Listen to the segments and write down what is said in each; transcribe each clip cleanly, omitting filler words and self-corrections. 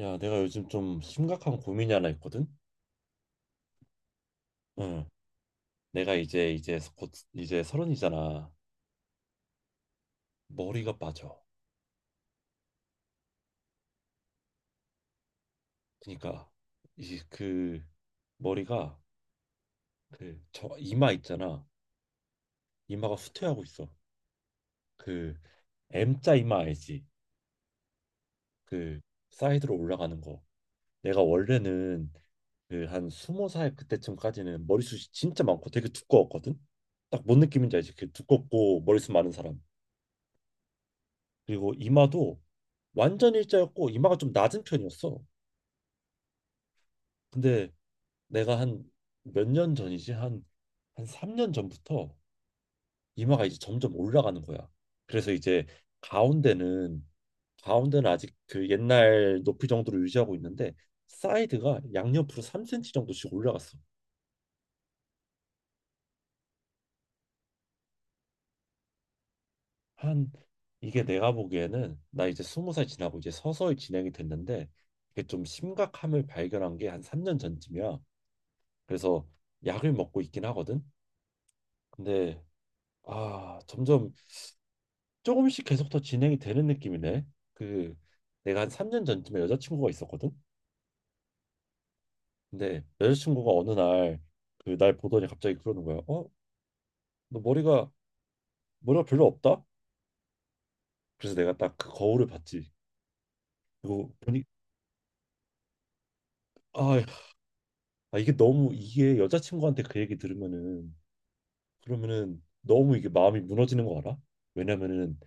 야, 내가 요즘 좀 심각한 고민이 하나 있거든. 응. 내가 이제 곧 이제 서른이잖아. 머리가 빠져. 그러니까 이 그 머리가 그 저 이마 있잖아. 이마가 후퇴하고 있어. 그 M자 이마 알지? 그 사이드로 올라가는 거. 내가 원래는 그 한 20살 그때쯤까지는 머리숱이 진짜 많고 되게 두꺼웠거든. 딱 뭔 느낌인지 알지? 그 두껍고 머리숱 많은 사람. 그리고 이마도 완전 일자였고 이마가 좀 낮은 편이었어. 근데 내가 한 몇 년 전이지 한 3년 전부터 이마가 이제 점점 올라가는 거야. 그래서 이제 가운데는 가운데는 아직 그 옛날 높이 정도로 유지하고 있는데 사이드가 양옆으로 3cm 정도씩 올라갔어. 한 이게 내가 보기에는 나 이제 20살 지나고 이제 서서히 진행이 됐는데 이게 좀 심각함을 발견한 게 한 3년 전쯤이야. 그래서 약을 먹고 있긴 하거든. 근데 아, 점점 조금씩 계속 더 진행이 되는 느낌이네. 그 내가 한 3년 전쯤에 여자친구가 있었거든. 근데 여자친구가 어느 날 그 날 보더니 갑자기 그러는 거야. 어? 너 머리가 별로 없다? 그래서 내가 딱 그 거울을 봤지. 그거 보니 아, 아, 이게 너무 이게 여자친구한테 그 얘기 들으면은 그러면은 너무 이게 마음이 무너지는 거 알아? 왜냐면은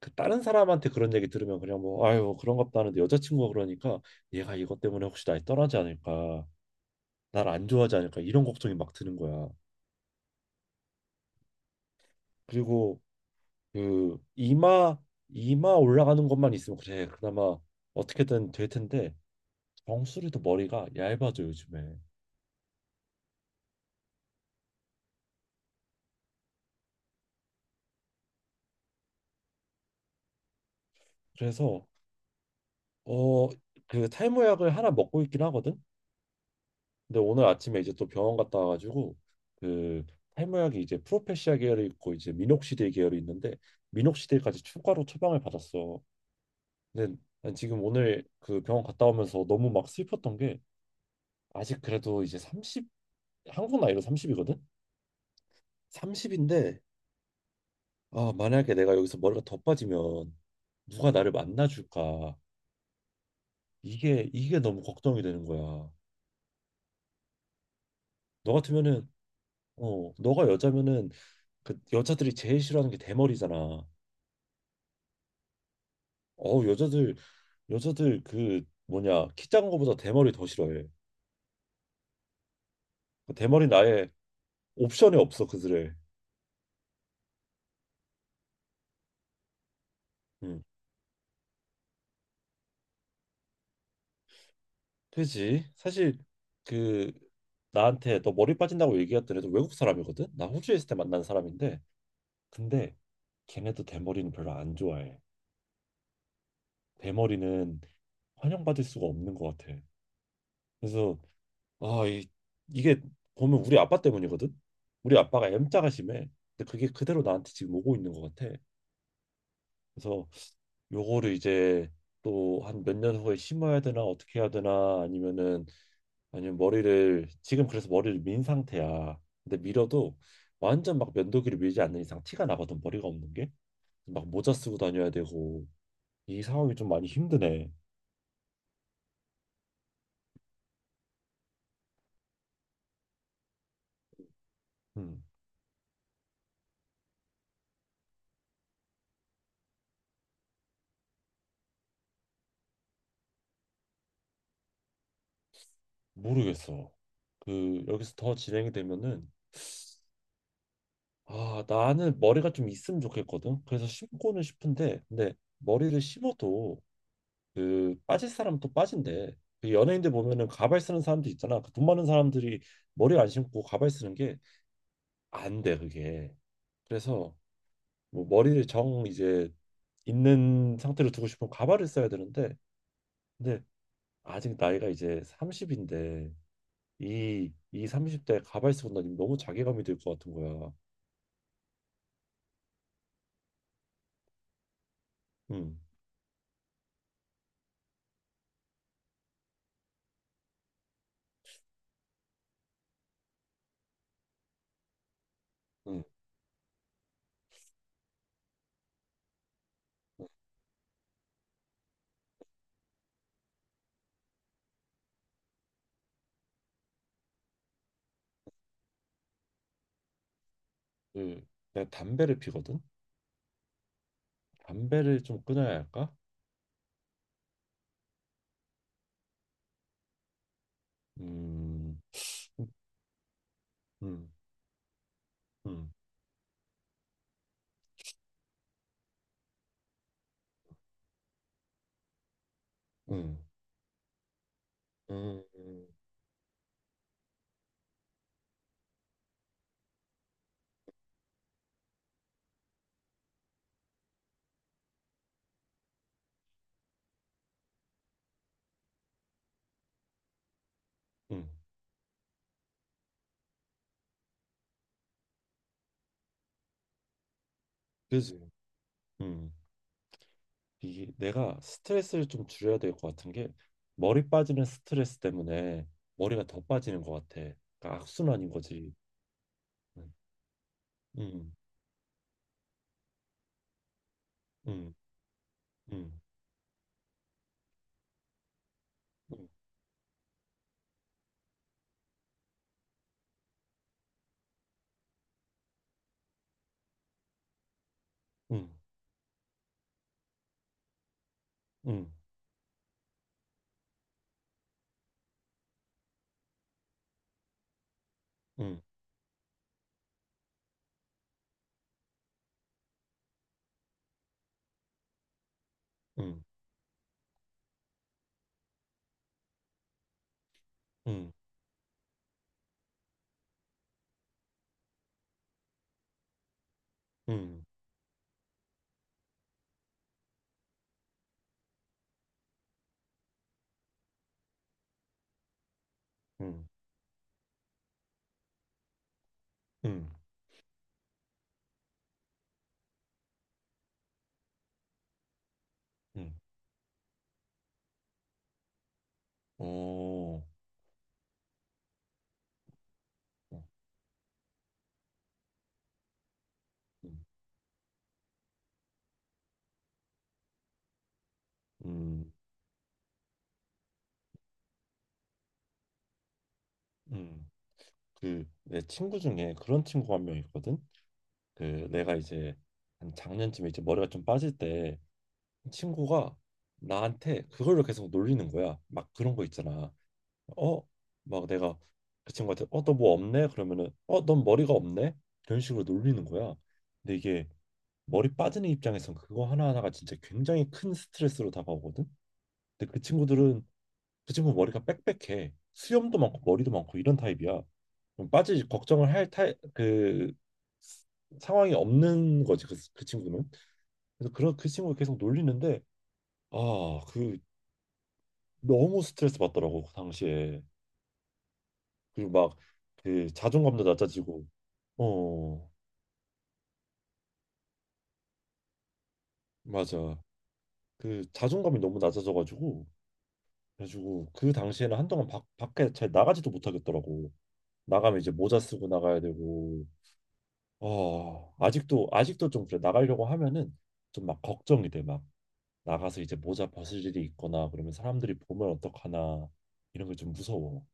그 다른 사람한테 그런 얘기 들으면 그냥 뭐 아유 그런 것도 하는데 여자친구가 그러니까 얘가 이것 때문에 혹시 날 떠나지 않을까 날 안 좋아하지 않을까 이런 걱정이 막 드는 거야. 그리고 그 이마 올라가는 것만 있으면 그래 그나마 어떻게든 될 텐데 정수리도 머리가 얇아져 요즘에. 그래서 어 그 탈모약을 하나 먹고 있긴 하거든. 근데 오늘 아침에 이제 또 병원 갔다 와가지고 그 탈모약이 이제 프로페시아 계열이 있고 이제 미녹시딜 계열이 있는데 미녹시딜까지 추가로 처방을 받았어. 근데 난 지금 오늘 그 병원 갔다 오면서 너무 막 슬펐던 게 아직 그래도 이제 30, 한국 나이로 30이거든. 30인데 아 만약에 내가 여기서 머리가 더 빠지면 누가 나를 만나줄까 이게 너무 걱정이 되는 거야. 너 같으면은 너가 여자면은 그 여자들이 제일 싫어하는 게 대머리잖아. 어 여자들 여자들 그 뭐냐 키 작은 거보다 대머리 더 싫어해. 그 대머리는 아예 옵션이 없어 그들의. 음. 그지? 사실 그 나한테 너 머리 빠진다고 얘기했던 애도 외국 사람이거든. 나 호주에 있을 때 만난 사람인데 근데 걔네도 대머리는 별로 안 좋아해. 대머리는 환영받을 수가 없는 것 같아. 그래서 아 이, 이게 보면 우리 아빠 때문이거든. 우리 아빠가 M자가 심해. 근데 그게 그대로 나한테 지금 오고 있는 것 같아. 그래서 요거를 이제 또 한 몇 년 후에 심어야 되나 어떻게 해야 되나, 아니면은 아니면 머리를 지금, 그래서 머리를 민 상태야. 근데 밀어도 완전 막 면도기를 밀지 않는 이상 티가 나거든 머리가 없는 게. 막 모자 쓰고 다녀야 되고 이 상황이 좀 많이 힘드네. 음, 모르겠어. 그 여기서 더 진행이 되면은 아 나는 머리가 좀 있으면 좋겠거든. 그래서 심고는 싶은데 근데 머리를 심어도 그 빠질 사람은 또 빠진대. 그 연예인들 보면은 가발 쓰는 사람도 있잖아. 그 돈 많은 사람들이 머리 안 심고 가발 쓰는 게 안 돼, 그게. 그래서 뭐 머리를 정 이제 있는 상태로 두고 싶으면 가발을 써야 되는데 근데 아직 나이가 이제 30인데 이 30대에 가발 쓰고 다니면 너무 자괴감이 들 것 같은 거야. 음. 응, 응. 그 내가 담배를 피거든. 담배를 좀 끊어야 할까? 음. 음. 음. 음. 음. 음. 응, 그지. 음, 이 내가 스트레스를 좀 줄여야 될 것 같은 게 머리 빠지는 스트레스 때문에 머리가 더 빠지는 것 같아. 그러니까 악순환인 거지. 응, 응, 응, 응, 응, 응, 응, 응, 응, 응, 응, 응, 응, 응. 어, 어, 음, 음, 음. 그 내 친구 중에 그런 친구가 1명 있거든. 그 내가 이제 한 작년쯤에 이제 머리가 좀 빠질 때 친구가 나한테 그걸로 계속 놀리는 거야. 막 그런 거 있잖아. 어, 막 내가 그 친구한테 어, 너 뭐 없네? 그러면은 어, 넌 머리가 없네? 이런 식으로 놀리는 거야. 근데 이게 머리 빠지는 입장에선 그거 하나하나가 진짜 굉장히 큰 스트레스로 다가오거든. 근데 그 친구들은 그 친구 머리가 빽빽해. 수염도 많고 머리도 많고 이런 타입이야. 그럼 빠지지 걱정을 할 타입 그 상황이 없는 거지 그 친구는. 그래서 그런 그 친구가 계속 놀리는데 아, 그 너무 스트레스 받더라고 그 당시에. 그리고 막 그 자존감도 낮아지고 어 맞아 그 자존감이 너무 낮아져가지고, 그래가지고 그 당시에는 한동안 밖 밖에 잘 나가지도 못하겠더라고. 나가면 이제 모자 쓰고 나가야 되고 어 아직도 좀 그래, 나가려고 하면은 좀 막 걱정이 돼. 막 나가서 이제 모자 벗을 일이 있거나 그러면 사람들이 보면 어떡하나 이런 게 좀 무서워.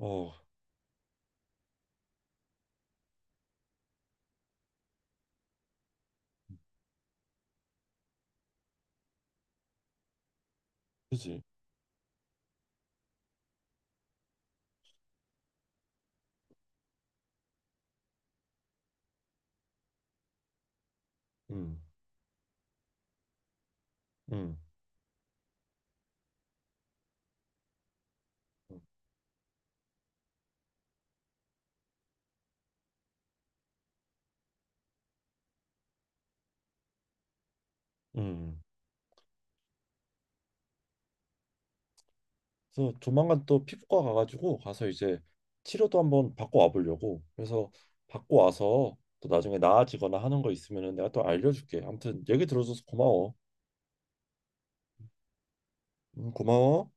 어 그지. 음 음, 음. 음. 그래서 조만간 또 피부과 가가지고 가서 이제 치료도 한번 받고 와보려고. 그래서 받고 와서 또 나중에 나아지거나 하는 거 있으면은 내가 또 알려줄게. 아무튼 얘기 들어줘서 고마워. 고마워.